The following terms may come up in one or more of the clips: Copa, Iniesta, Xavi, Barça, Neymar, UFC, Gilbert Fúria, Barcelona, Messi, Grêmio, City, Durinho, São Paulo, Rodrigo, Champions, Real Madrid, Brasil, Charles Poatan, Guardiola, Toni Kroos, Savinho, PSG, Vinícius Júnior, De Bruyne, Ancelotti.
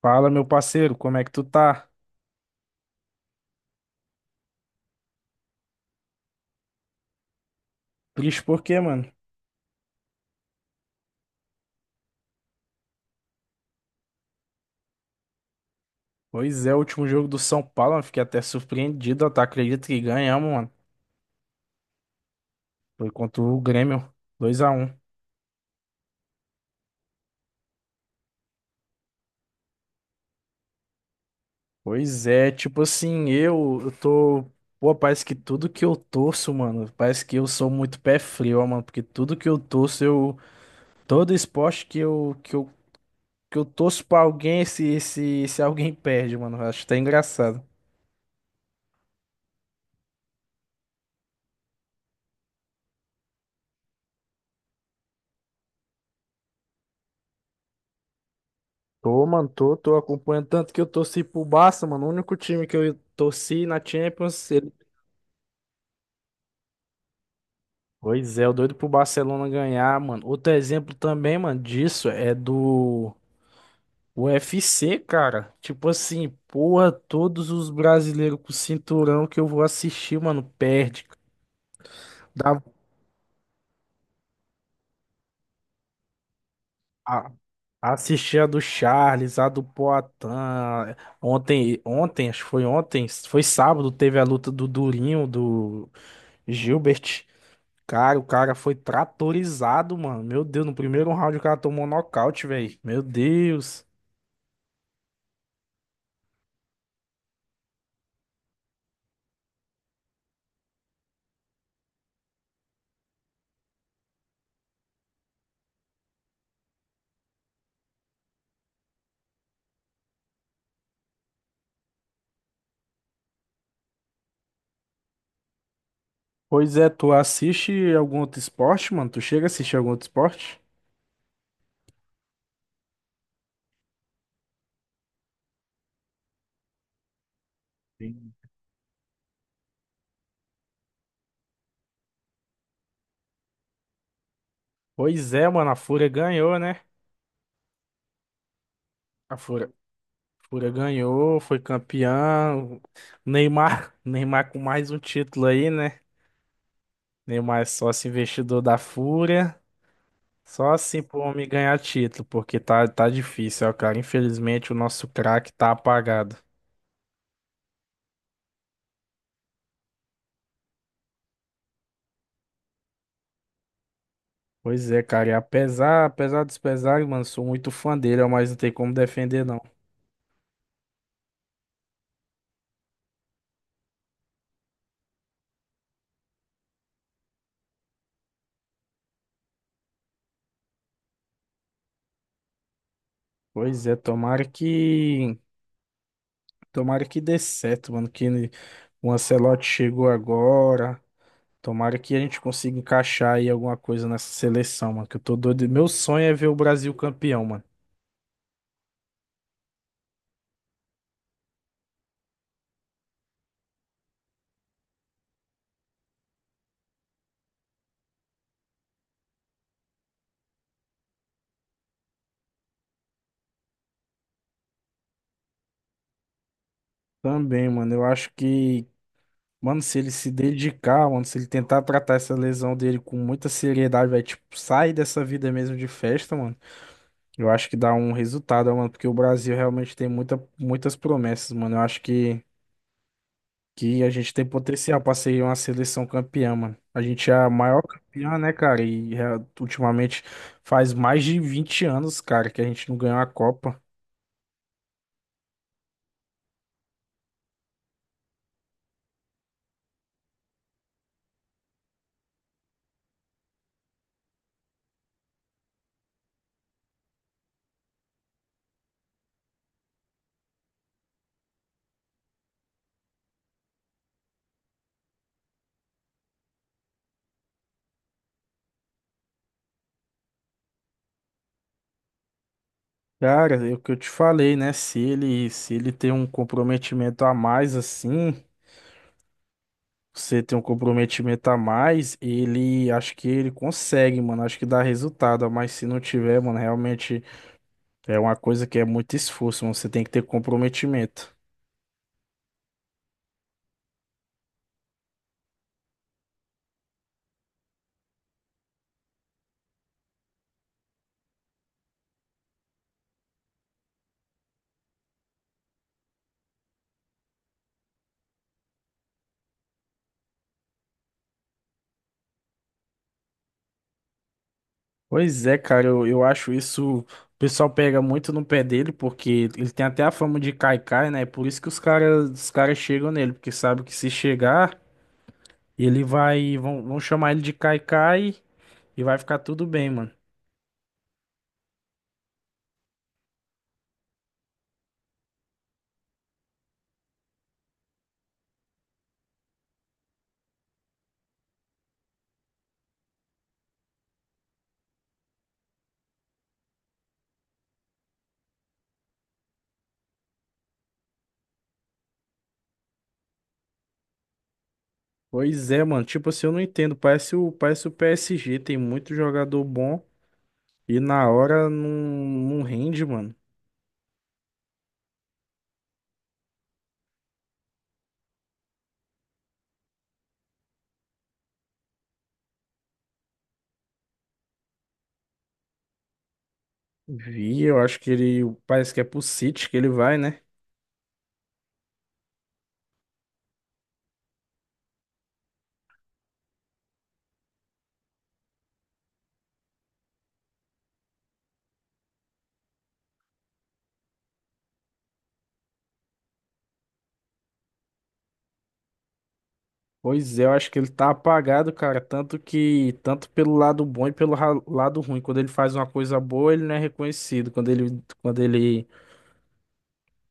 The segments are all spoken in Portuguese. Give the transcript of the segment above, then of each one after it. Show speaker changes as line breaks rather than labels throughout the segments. Fala, meu parceiro, como é que tu tá? Triste por quê, mano? Pois é, o último jogo do São Paulo, mano, fiquei até surpreendido, ó, tá? Acredito que ganhamos, mano. Foi contra o Grêmio, dois a um. Pois é, tipo assim, eu tô. Pô, parece que tudo que eu torço, mano, parece que eu sou muito pé frio, ó, mano, porque tudo que eu torço, eu. Todo esporte que eu torço pra alguém, esse alguém perde, mano. Eu acho até engraçado. Tô, mano, tô acompanhando tanto que eu torci pro Barça, mano. O único time que eu torci na Champions. Ele... Pois é, o doido pro Barcelona ganhar, mano. Outro exemplo também, mano, disso é do UFC, cara. Tipo assim, porra, todos os brasileiros com cinturão que eu vou assistir, mano, perde. Dá... A... Assisti a do Charles, a do Poatan. Acho que foi ontem, foi sábado, teve a luta do Durinho, do Gilbert. Cara, o cara foi tratorizado, mano. Meu Deus, no primeiro round o cara tomou nocaute, velho. Meu Deus. Pois é, tu assiste algum outro esporte, mano? Tu chega a assistir algum outro esporte? Sim. Pois é, mano, a Fúria ganhou, né? A Fúria, Fúria ganhou, foi campeão. Neymar, Neymar com mais um título aí, né? Neymar é sócio investidor da Fúria. Só assim pro homem ganhar título, porque tá difícil, ó, cara. Infelizmente o nosso craque tá apagado. Pois é, cara, e apesar dos pesares, mano, sou muito fã dele, ó, mas não tem como defender, não. Pois é, tomara que dê certo, mano, que ele... O Ancelotti chegou agora, tomara que a gente consiga encaixar aí alguma coisa nessa seleção, mano, que eu tô doido, meu sonho é ver o Brasil campeão, mano. Também, mano, mano, se ele se dedicar, mano, se ele tentar tratar essa lesão dele com muita seriedade, vai, tipo, sair dessa vida mesmo de festa, mano. Eu acho que dá um resultado, mano, porque o Brasil realmente tem muitas promessas, mano. Que a gente tem potencial pra ser uma seleção campeã, mano. A gente é a maior campeã, né, cara? E é, ultimamente faz mais de 20 anos, cara, que a gente não ganhou a Copa. Cara, é o que eu te falei, né? Se ele tem um comprometimento a mais assim, você tem um comprometimento a mais, ele acho que ele consegue, mano. Acho que dá resultado, mas se não tiver, mano, realmente. É uma coisa que é muito esforço, você tem que ter comprometimento. Pois é, cara, eu acho isso. O pessoal pega muito no pé dele, porque ele tem até a fama de caicai, né? É por isso que os caras chegam nele, porque sabe que se chegar, ele vai. Vão chamar ele de caicai e vai ficar tudo bem, mano. Pois é, mano. Tipo assim, eu não entendo. Parece parece o PSG, tem muito jogador bom e na hora não rende, mano. Vi, eu acho que ele. Parece que é pro City que ele vai, né? Pois é, eu acho que ele tá apagado, cara, tanto que tanto pelo lado bom e pelo lado ruim. Quando ele faz uma coisa boa, ele não é reconhecido.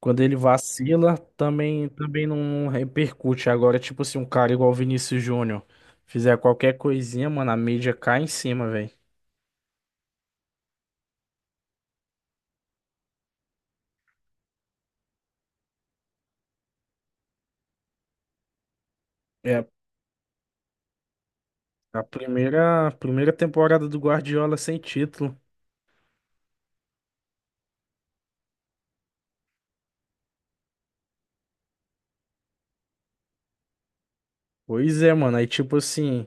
Quando ele vacila, também não repercute. Agora, tipo assim, um cara igual o Vinícius Júnior fizer qualquer coisinha, mano, a mídia cai em cima, velho. É a primeira temporada do Guardiola sem título. Pois é, mano, aí tipo assim,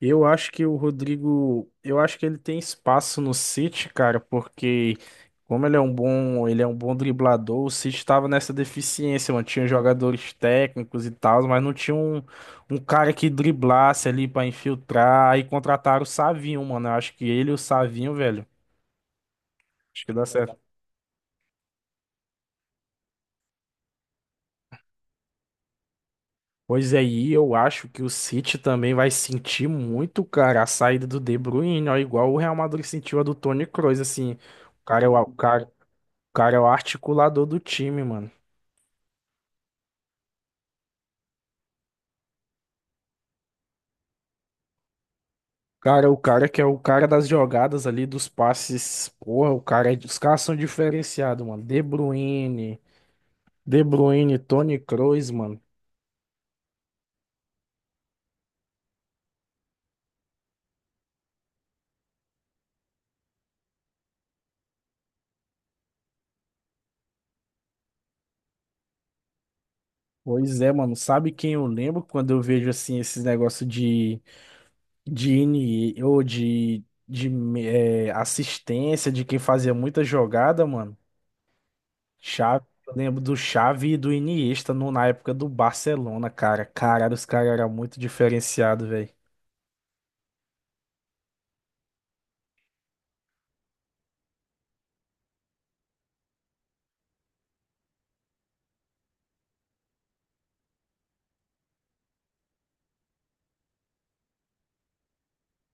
eu acho que o Rodrigo, eu acho que ele tem espaço no City, cara, porque como ele é ele é um bom driblador, o City tava nessa deficiência, mano, tinha jogadores técnicos e tal, mas não tinha um cara que driblasse ali pra infiltrar, aí contrataram o Savinho, mano, eu acho que ele e o Savinho, velho, acho que dá certo. Pois é, e eu acho que o City também vai sentir muito, cara, a saída do De Bruyne, ó, igual o Real Madrid sentiu a do Toni Kroos, assim, o cara, é o cara. O cara é o articulador do time, mano. Cara, o cara que é o cara das jogadas ali, dos passes. Porra, o cara, é... Os caras são diferenciados, mano. De Bruyne, Toni Kroos, mano. Pois é, mano. Sabe quem eu lembro quando eu vejo assim esses negócios de INE ou de assistência de quem fazia muita jogada, mano? Xavi, eu lembro do Xavi e do Iniesta no, na época do Barcelona, cara. Caralho, os caras eram muito diferenciados, velho.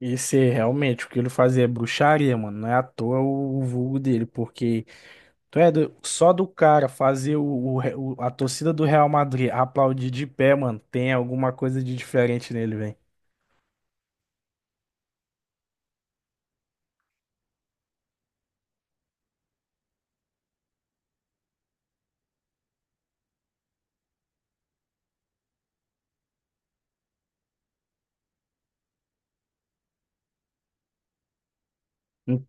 Esse é realmente o que ele fazia é bruxaria, mano. Não é à toa o vulgo dele, porque tu é só do cara fazer a torcida do Real Madrid aplaudir de pé, mano, tem alguma coisa de diferente nele, velho. Hum.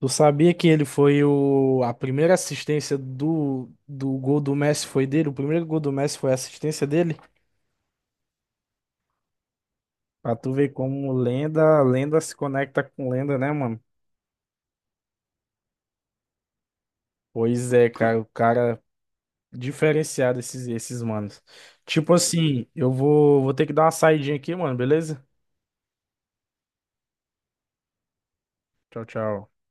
Tu sabia que ele foi a primeira assistência do gol do Messi foi dele? O primeiro gol do Messi foi a assistência dele? Pra tu ver como lenda se conecta com lenda, né, mano? Pois é, cara, o cara diferenciado esses manos. Tipo é. Assim, vou ter que dar uma saidinha aqui, mano, beleza? Tchau, tchau.